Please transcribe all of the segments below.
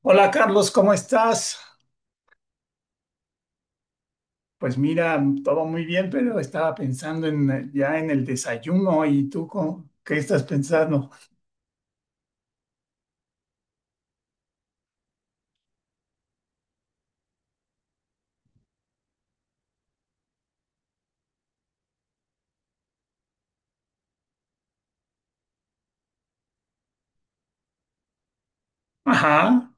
Hola Carlos, ¿cómo estás? Pues mira, todo muy bien, pero estaba pensando en ya en el desayuno y tú ¿qué estás pensando? Ajá,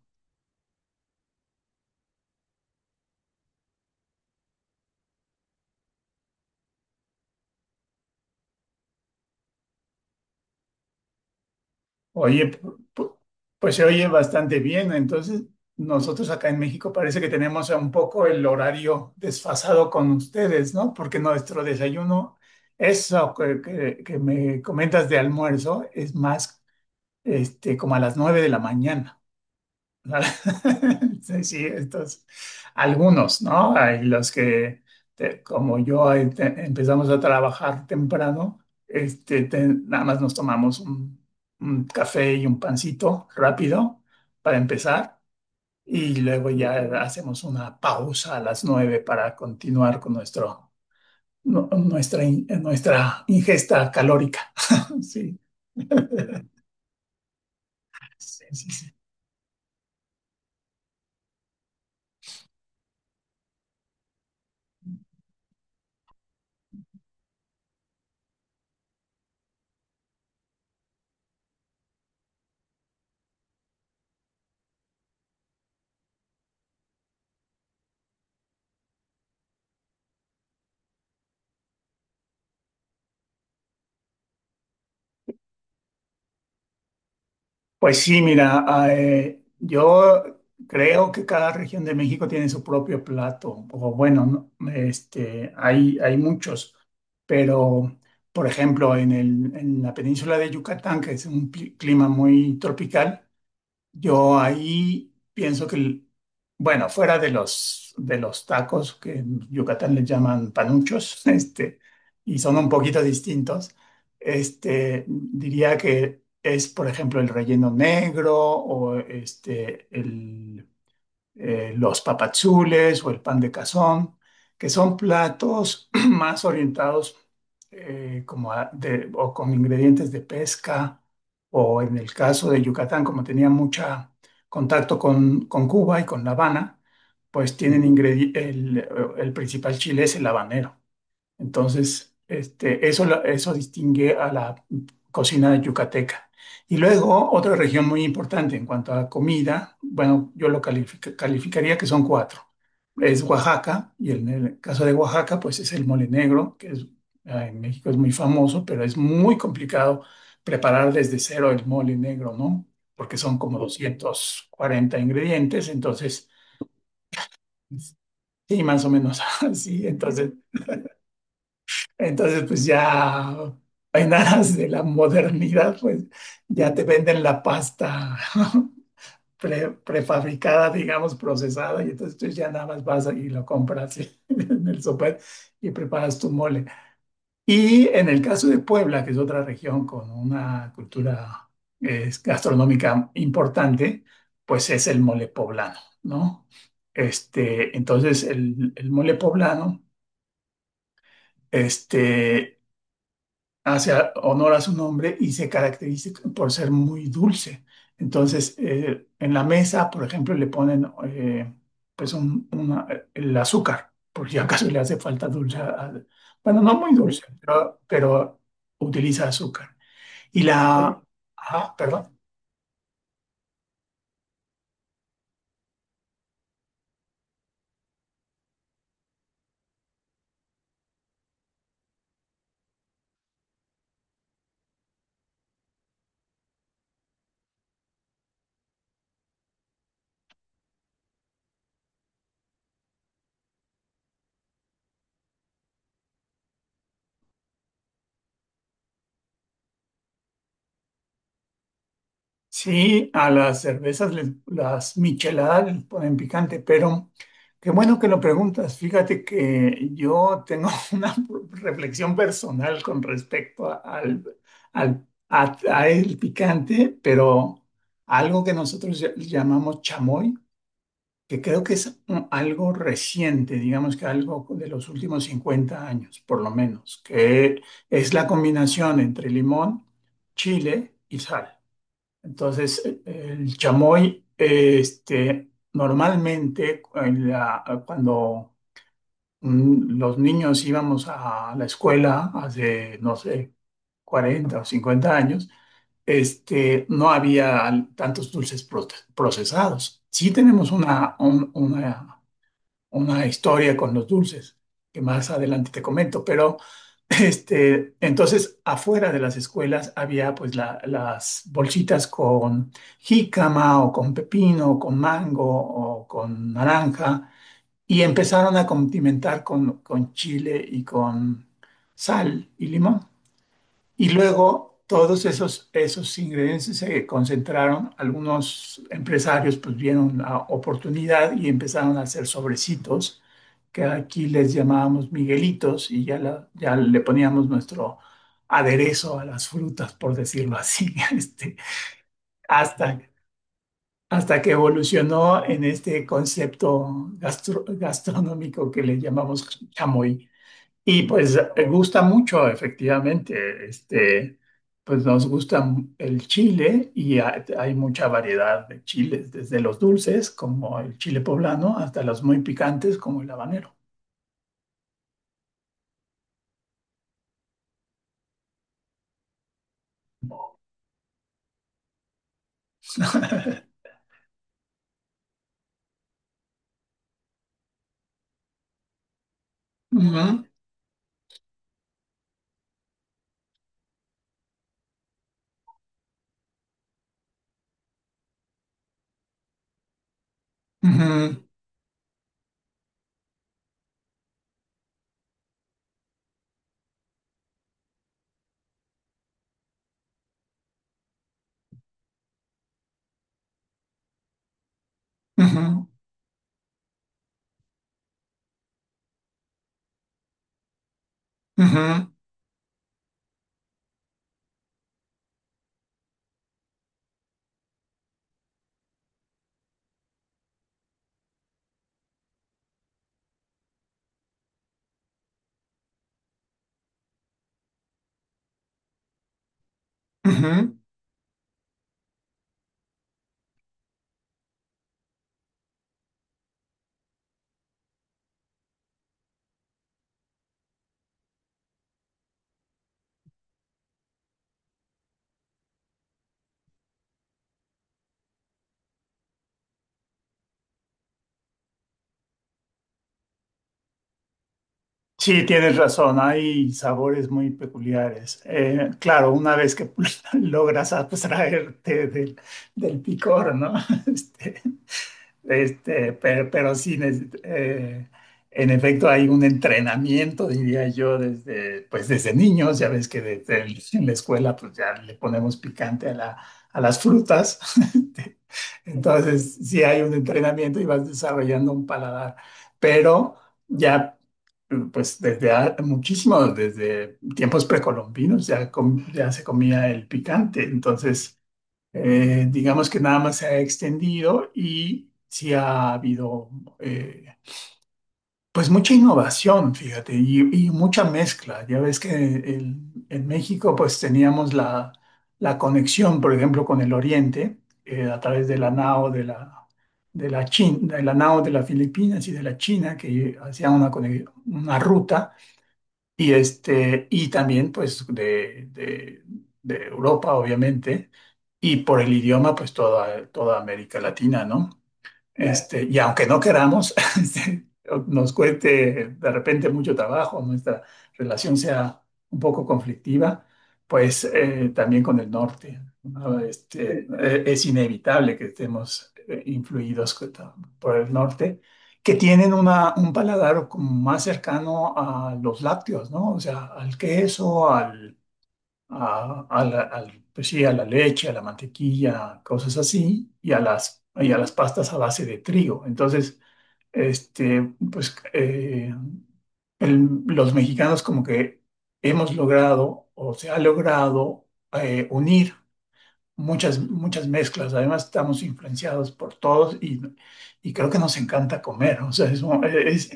oye, pues se oye bastante bien. Entonces, nosotros acá en México parece que tenemos un poco el horario desfasado con ustedes, ¿no? Porque nuestro desayuno, eso que me comentas de almuerzo, es más como a las nueve de la mañana. Sí, sí, estos, algunos, ¿no? Hay los que, como yo, empezamos a trabajar temprano, nada más nos tomamos un café y un pancito rápido para empezar y luego ya hacemos una pausa a las nueve para continuar con nuestra, nuestra ingesta calórica. Sí, sí, sí, sí. Pues sí, mira, yo creo que cada región de México tiene su propio plato, o bueno, no, hay muchos, pero por ejemplo, en en la península de Yucatán, que es un clima muy tropical, yo ahí pienso que, bueno, fuera de de los tacos que en Yucatán les llaman panuchos, y son un poquito distintos, diría que es, por ejemplo, el relleno negro o los papazules o el pan de cazón, que son platos más orientados como o con ingredientes de pesca, o en el caso de Yucatán, como tenía mucho contacto con Cuba y con La Habana, pues tienen el principal chile es el habanero. Entonces, eso, eso distingue a la cocina yucateca. Y luego, otra región muy importante en cuanto a comida, bueno, yo lo calificaría que son cuatro. Es Oaxaca, y en el caso de Oaxaca, pues es el mole negro, que es, en México es muy famoso, pero es muy complicado preparar desde cero el mole negro, ¿no? Porque son como 240 ingredientes, entonces, sí, más o menos así, entonces entonces, pues ya en aras de la modernidad, pues ya te venden la pasta prefabricada, digamos, procesada, y entonces tú ya nada más vas y lo compras en el súper y preparas tu mole. Y en el caso de Puebla, que es otra región con una cultura gastronómica importante, pues es el mole poblano, ¿no? Entonces, el mole poblano. Este, hace honor a su nombre y se caracteriza por ser muy dulce. Entonces, en la mesa, por ejemplo, le ponen pues el azúcar, por si acaso le hace falta dulce. Bueno, no muy sí, dulce, pero utiliza azúcar. Y oye, oye, ah, perdón. Sí, a las cervezas, las micheladas les ponen picante, pero qué bueno que lo preguntas. Fíjate que yo tengo una reflexión personal con respecto a el picante, pero algo que nosotros llamamos chamoy, que creo que es algo reciente, digamos que algo de los últimos 50 años, por lo menos, que es la combinación entre limón, chile y sal. Entonces, el chamoy, normalmente cuando los niños íbamos a la escuela hace, no sé, 40 o 50 años, no había tantos dulces procesados. Sí tenemos una historia con los dulces, que más adelante te comento, pero entonces afuera de las escuelas había pues las bolsitas con jícama o con pepino, o con mango o con naranja y empezaron a condimentar con chile y con sal y limón. Y luego todos esos, esos ingredientes se concentraron, algunos empresarios pues vieron la oportunidad y empezaron a hacer sobrecitos que aquí les llamábamos Miguelitos y ya, ya le poníamos nuestro aderezo a las frutas, por decirlo así, hasta, hasta que evolucionó en este concepto gastronómico que le llamamos chamoy. Y pues gusta mucho, efectivamente, pues nos gusta el chile y hay mucha variedad de chiles, desde los dulces como el chile poblano hasta los muy picantes como el habanero. Ujú, ujú. Ujú, ujú, ujú. Sí, tienes razón, hay sabores muy peculiares. Claro, una vez que logras abstraerte del picor, ¿no? Este, pero sí, en efecto hay un entrenamiento, diría yo, desde, pues desde niños, ya ves que desde en la escuela pues ya le ponemos picante a a las frutas. Este, entonces, sí hay un entrenamiento y vas desarrollando un paladar, pero ya pues desde muchísimo, desde tiempos precolombinos ya, ya se comía el picante, entonces digamos que nada más se ha extendido y sí ha habido eh, pues mucha innovación, fíjate, y mucha mezcla. Ya ves que en México pues teníamos la conexión, por ejemplo, con el Oriente a través de la NAO de de la China, de la NAO de las Filipinas y de la China, que hacían una ruta y, y también pues de Europa, obviamente, y por el idioma, pues toda, toda América Latina, ¿no? Y aunque no queramos, este, nos cueste de repente mucho trabajo, nuestra relación sea un poco conflictiva, pues también con el norte, ¿no? Es inevitable que estemos influidos por el norte, que tienen un paladar como más cercano a los lácteos, ¿no? O sea, al queso, al a la, pues sí, a la leche, a la mantequilla, cosas así, y a las pastas a base de trigo. Entonces, pues los mexicanos como que hemos logrado o se ha logrado unir muchas, muchas mezclas. Además, estamos influenciados por todos y creo que nos encanta comer. O sea, es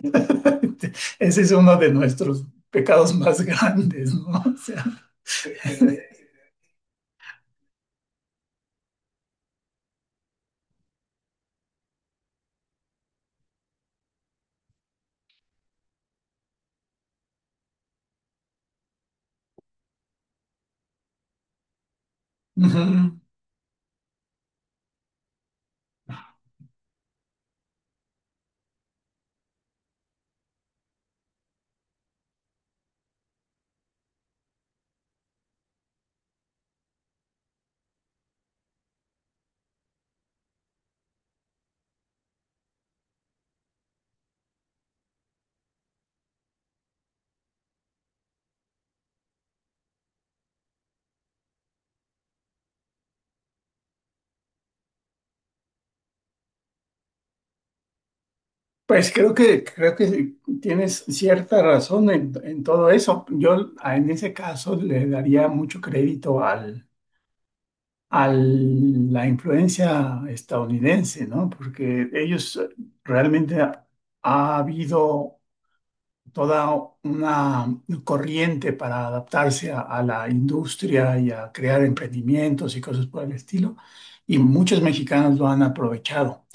ese es uno de nuestros pecados más grandes, ¿no? O sea, ujú. Pues creo que tienes cierta razón en todo eso. Yo en ese caso le daría mucho crédito a la influencia estadounidense, ¿no? Porque ellos realmente ha habido toda una corriente para adaptarse a la industria y a crear emprendimientos y cosas por el estilo. Y muchos mexicanos lo han aprovechado.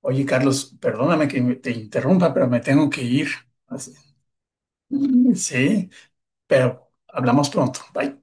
Oye, Carlos, perdóname que te interrumpa, pero me tengo que ir. Así- sí, pero hablamos pronto. Bye.